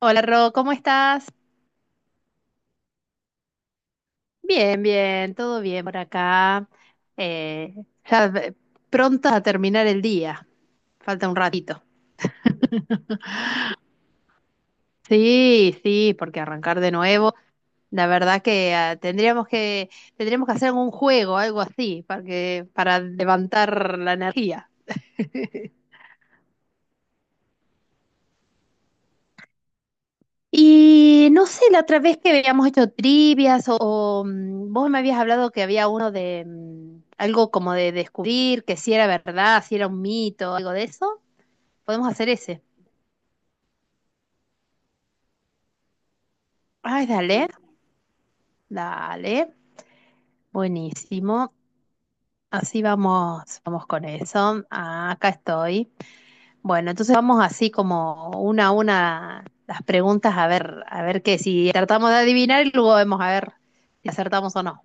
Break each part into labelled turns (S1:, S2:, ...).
S1: Hola Ro, ¿cómo estás? Bien, bien, todo bien por acá. Eh, ya ve- pronta a terminar el día, falta un ratito. Sí, sí, porque arrancar de nuevo, la verdad que tendríamos que hacer un juego, algo así, para que, para levantar la energía. Y no sé, la otra vez que habíamos hecho trivias o vos me habías hablado que había uno de algo como de descubrir que si era verdad, si era un mito, algo de eso. Podemos hacer ese. Ay, dale, dale. Buenísimo. Así vamos, vamos con eso. Ah, acá estoy. Bueno, entonces vamos así como una a una las preguntas a ver qué, si tratamos de adivinar y luego vemos a ver si acertamos o no.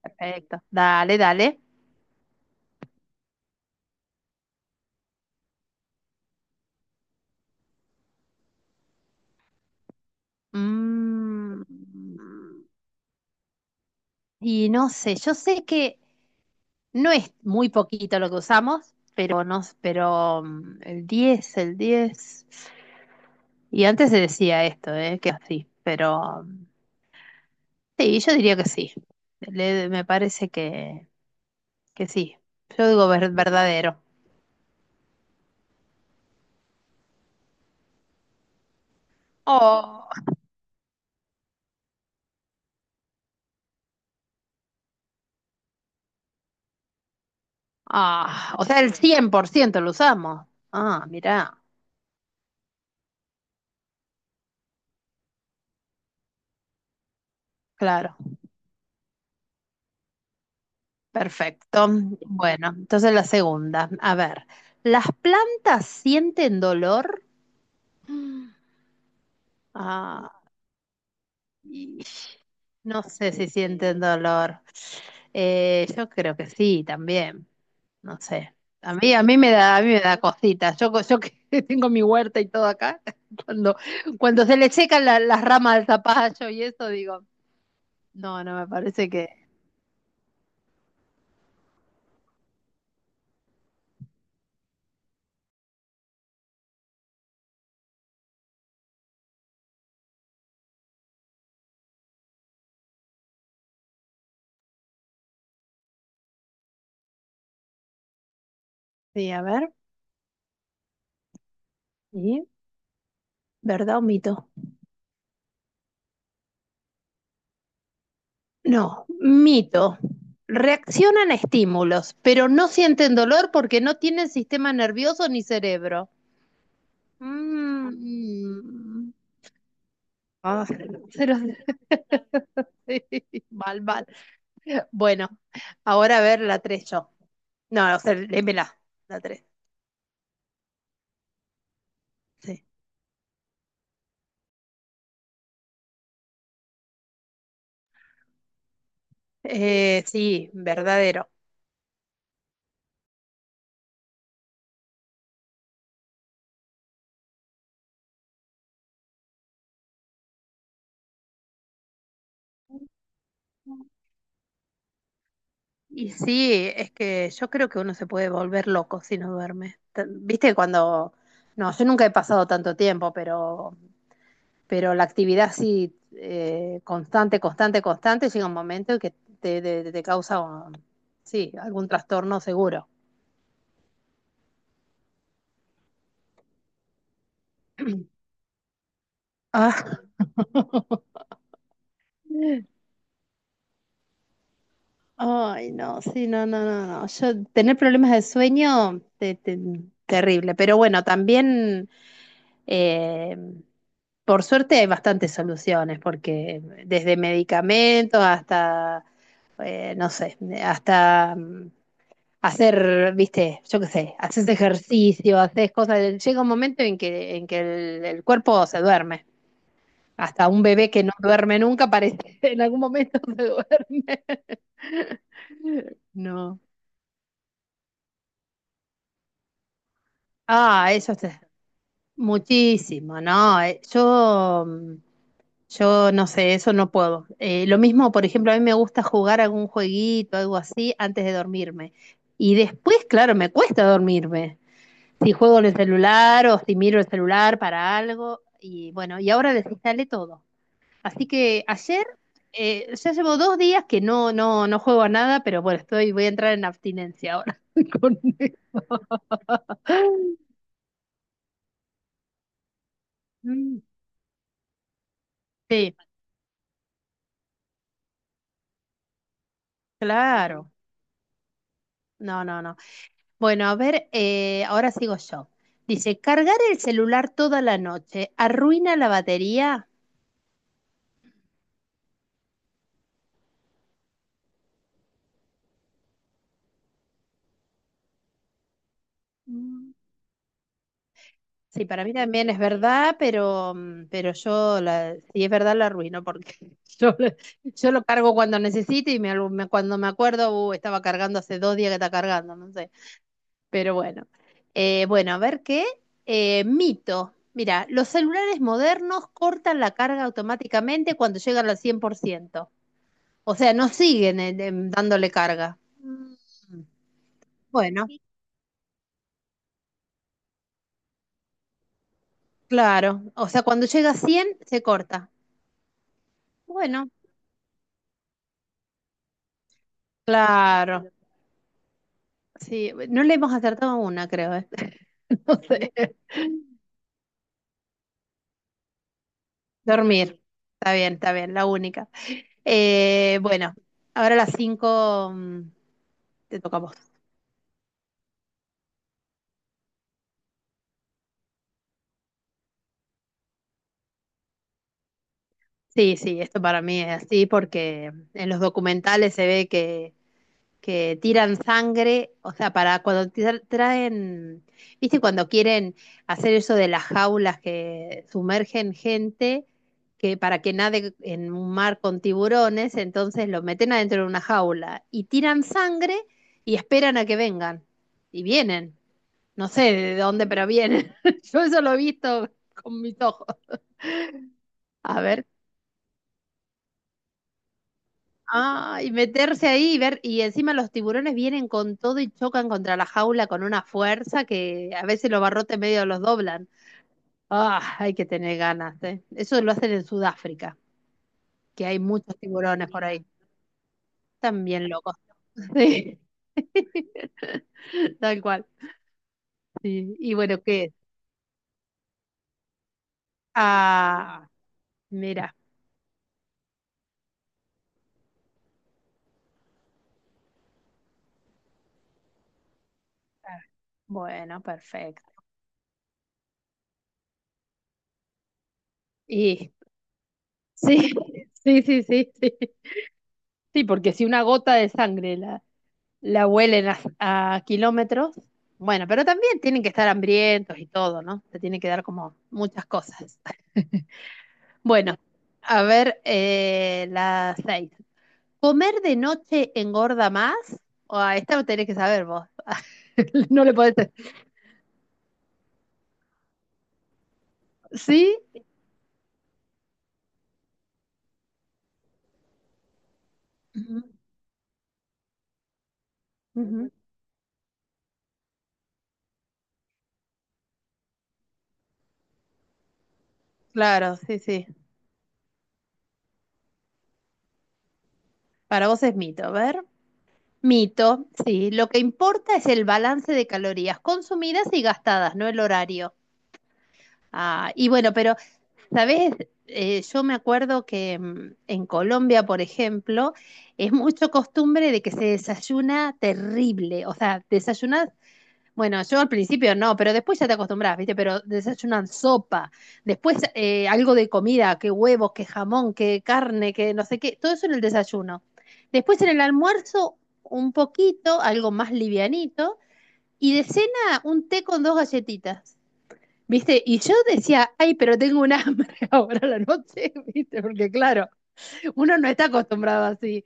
S1: Perfecto. Dale, dale. Mm, y no sé, yo sé que no es muy poquito lo que usamos, pero no, pero el diez. Y antes se decía esto, ¿eh? Que así, pero sí, yo diría que sí. Me parece que sí. Yo digo verdadero. Oh, ah, o sea, el 100% lo usamos. Ah, mirá, claro. Perfecto. Bueno, entonces la segunda. A ver, ¿las plantas sienten dolor? Mm. Ah, y- no sé si sienten dolor. Yo creo que sí, también. No sé. A mí me da, a mí me da cositas. Yo que tengo mi huerta y todo acá, cuando, cuando se le secan las ramas del zapallo y eso, digo, no, no me parece que. Sí, a ver. ¿Y? ¿Verdad o mito? No, mito. Reaccionan a estímulos, pero no sienten dolor porque no tienen sistema nervioso ni cerebro. Mm, mm. Ah, se los- sí, mal, mal. Bueno, ahora a ver la 3. Yo. No, o sea, léemela, la 3. Sí. Sí, verdadero. Y sí, es que yo creo que uno se puede volver loco si no duerme. T- Viste cuando... No, yo nunca he pasado tanto tiempo, pero la actividad sí constante, constante, constante, llega un momento en que te causa, un- sí, algún trastorno seguro. Ah. Ay, no, sí, no, no, no, no. Yo tener problemas de sueño, terrible. Pero bueno, también eh, por suerte hay bastantes soluciones, porque desde medicamentos hasta, no sé, hasta hacer, viste, yo qué sé, haces ejercicio, haces cosas. Llega un momento en que el cuerpo se duerme. Hasta un bebé que no duerme nunca parece, en algún momento se duerme. No. Ah, eso es muchísimo, ¿no? Yo, yo no sé, eso no puedo. Lo mismo, por ejemplo, a mí me gusta jugar algún jueguito, algo así, antes de dormirme. Y después, claro, me cuesta dormirme. Si juego en el celular o si miro el celular para algo, y bueno, y ahora desinstalé todo. Así que ayer ya llevo dos días que no juego a nada, pero bueno, estoy, voy a entrar en abstinencia ahora con eso. Mm, sí, claro. No, no, no. Bueno, a ver, ahora sigo yo. Dice, cargar el celular toda la noche arruina la batería. Mm, sí, para mí también es verdad, pero, pero yo, la, si es verdad, la arruino porque yo, lo- yo lo cargo cuando necesito y me, cuando me acuerdo, estaba cargando hace dos días que está cargando, no sé. Pero bueno. Bueno, a ver qué. Mito. Mira, los celulares modernos cortan la carga automáticamente cuando llegan al cien por ciento. O sea, no siguen dándole carga. Mm, bueno, sí, claro. O sea, cuando llega a 100, se corta. Bueno, claro. Sí, no le hemos acertado una, creo. ¿Eh? No no, sé. Dormir. Está bien, la única. Bueno, ahora a las 5 te tocamos. Sí, sí, esto para mí es así porque en los documentales se ve que tiran sangre, o sea, para cuando traen, viste, cuando quieren hacer eso de las jaulas que sumergen gente, que para que nade en un mar con tiburones, entonces lo meten adentro de una jaula y tiran sangre y esperan a que vengan. Y vienen, no sé de dónde, pero vienen. Yo eso lo he visto con mis ojos. A ver. Ah, y meterse ahí y ver, y encima los tiburones vienen con todo y chocan contra la jaula con una fuerza que a veces los barrotes medio los doblan. Ah, hay que tener ganas, ¿eh? Eso lo hacen en Sudáfrica, que hay muchos tiburones por ahí. Están bien locos. Sí. Tal cual. Sí. Y bueno, ¿qué? Ah, mira. Ah, bueno, perfecto. Y sí, sí, sí, sí, sí. Sí, porque si una gota de sangre la, la huelen a kilómetros. Bueno, pero también tienen que estar hambrientos y todo, ¿no? Se tienen que dar como muchas cosas. Bueno, a ver, la seis. ¿Comer de noche engorda más? O a esta lo tenés que saber vos. No le podés. ¿Sí? Ujú. Ujú. Claro, sí, sí. Para vos es mito, a ver. Mito, sí. Lo que importa es el balance de calorías consumidas y gastadas, no el horario. Ah, y bueno, pero ¿sabés? Yo me acuerdo que en Colombia, por ejemplo, es mucho costumbre de que se desayuna terrible. O sea, desayunas, bueno, yo al principio no, pero después ya te acostumbras, ¿viste? Pero desayunan sopa, después algo de comida, que huevos, que jamón, que carne, que no sé qué, todo eso en el desayuno. Después en el almuerzo, un poquito, algo más livianito, y de cena, un té con dos galletitas. ¿Viste? Y yo decía, ay, pero tengo un hambre ahora a la noche, ¿viste? Porque claro, uno no está acostumbrado así.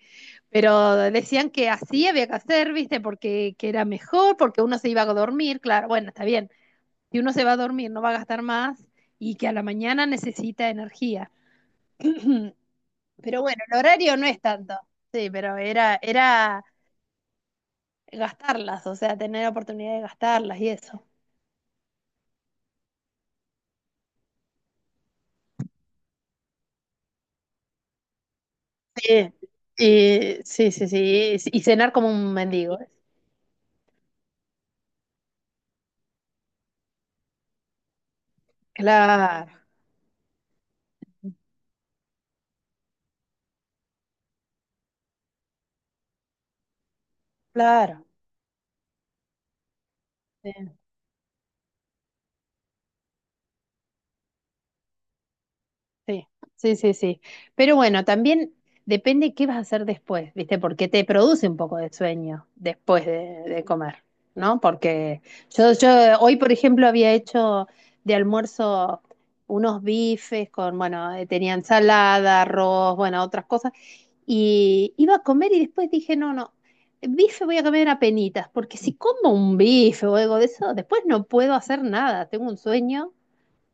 S1: Pero decían que así había que hacer, ¿viste? Porque que era mejor, porque uno se iba a dormir, claro, bueno, está bien. Si uno se va a dormir, no va a gastar más y que a la mañana necesita energía. Pero bueno, el horario no es tanto. Sí, pero era, era gastarlas, o sea, tener la oportunidad de gastarlas y eso. Sí, y, sí, sí, sí. Y cenar como un mendigo. Claro, claro. Sí, sí, sí, sí, sí. Pero bueno, también depende qué vas a hacer después, ¿viste? Porque te produce un poco de sueño después de comer, ¿no? Porque yo hoy, por ejemplo, había hecho de almuerzo unos bifes con, bueno, tenía ensalada, arroz, bueno, otras cosas. Y iba a comer y después dije, no, no, bife voy a comer a penitas, porque si como un bife o algo de eso, después no puedo hacer nada, tengo un sueño.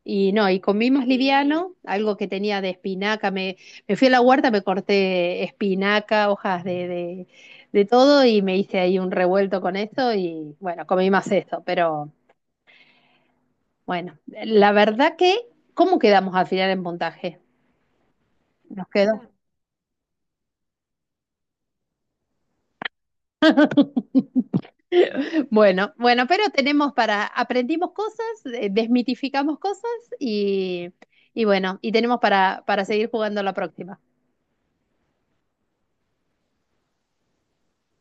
S1: Y no, y comí más liviano, algo que tenía de espinaca. Me fui a la huerta, me corté espinaca, hojas de todo y me hice ahí un revuelto con eso y bueno, comí más eso. Pero bueno, la verdad que, ¿cómo quedamos al final en puntaje? Nos quedó. Bueno, bueno, pero tenemos para, aprendimos cosas, desmitificamos cosas y, y bueno, y tenemos para seguir jugando la próxima.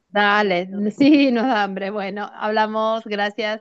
S1: Dale, sí, nos da hambre. Bueno, hablamos, gracias.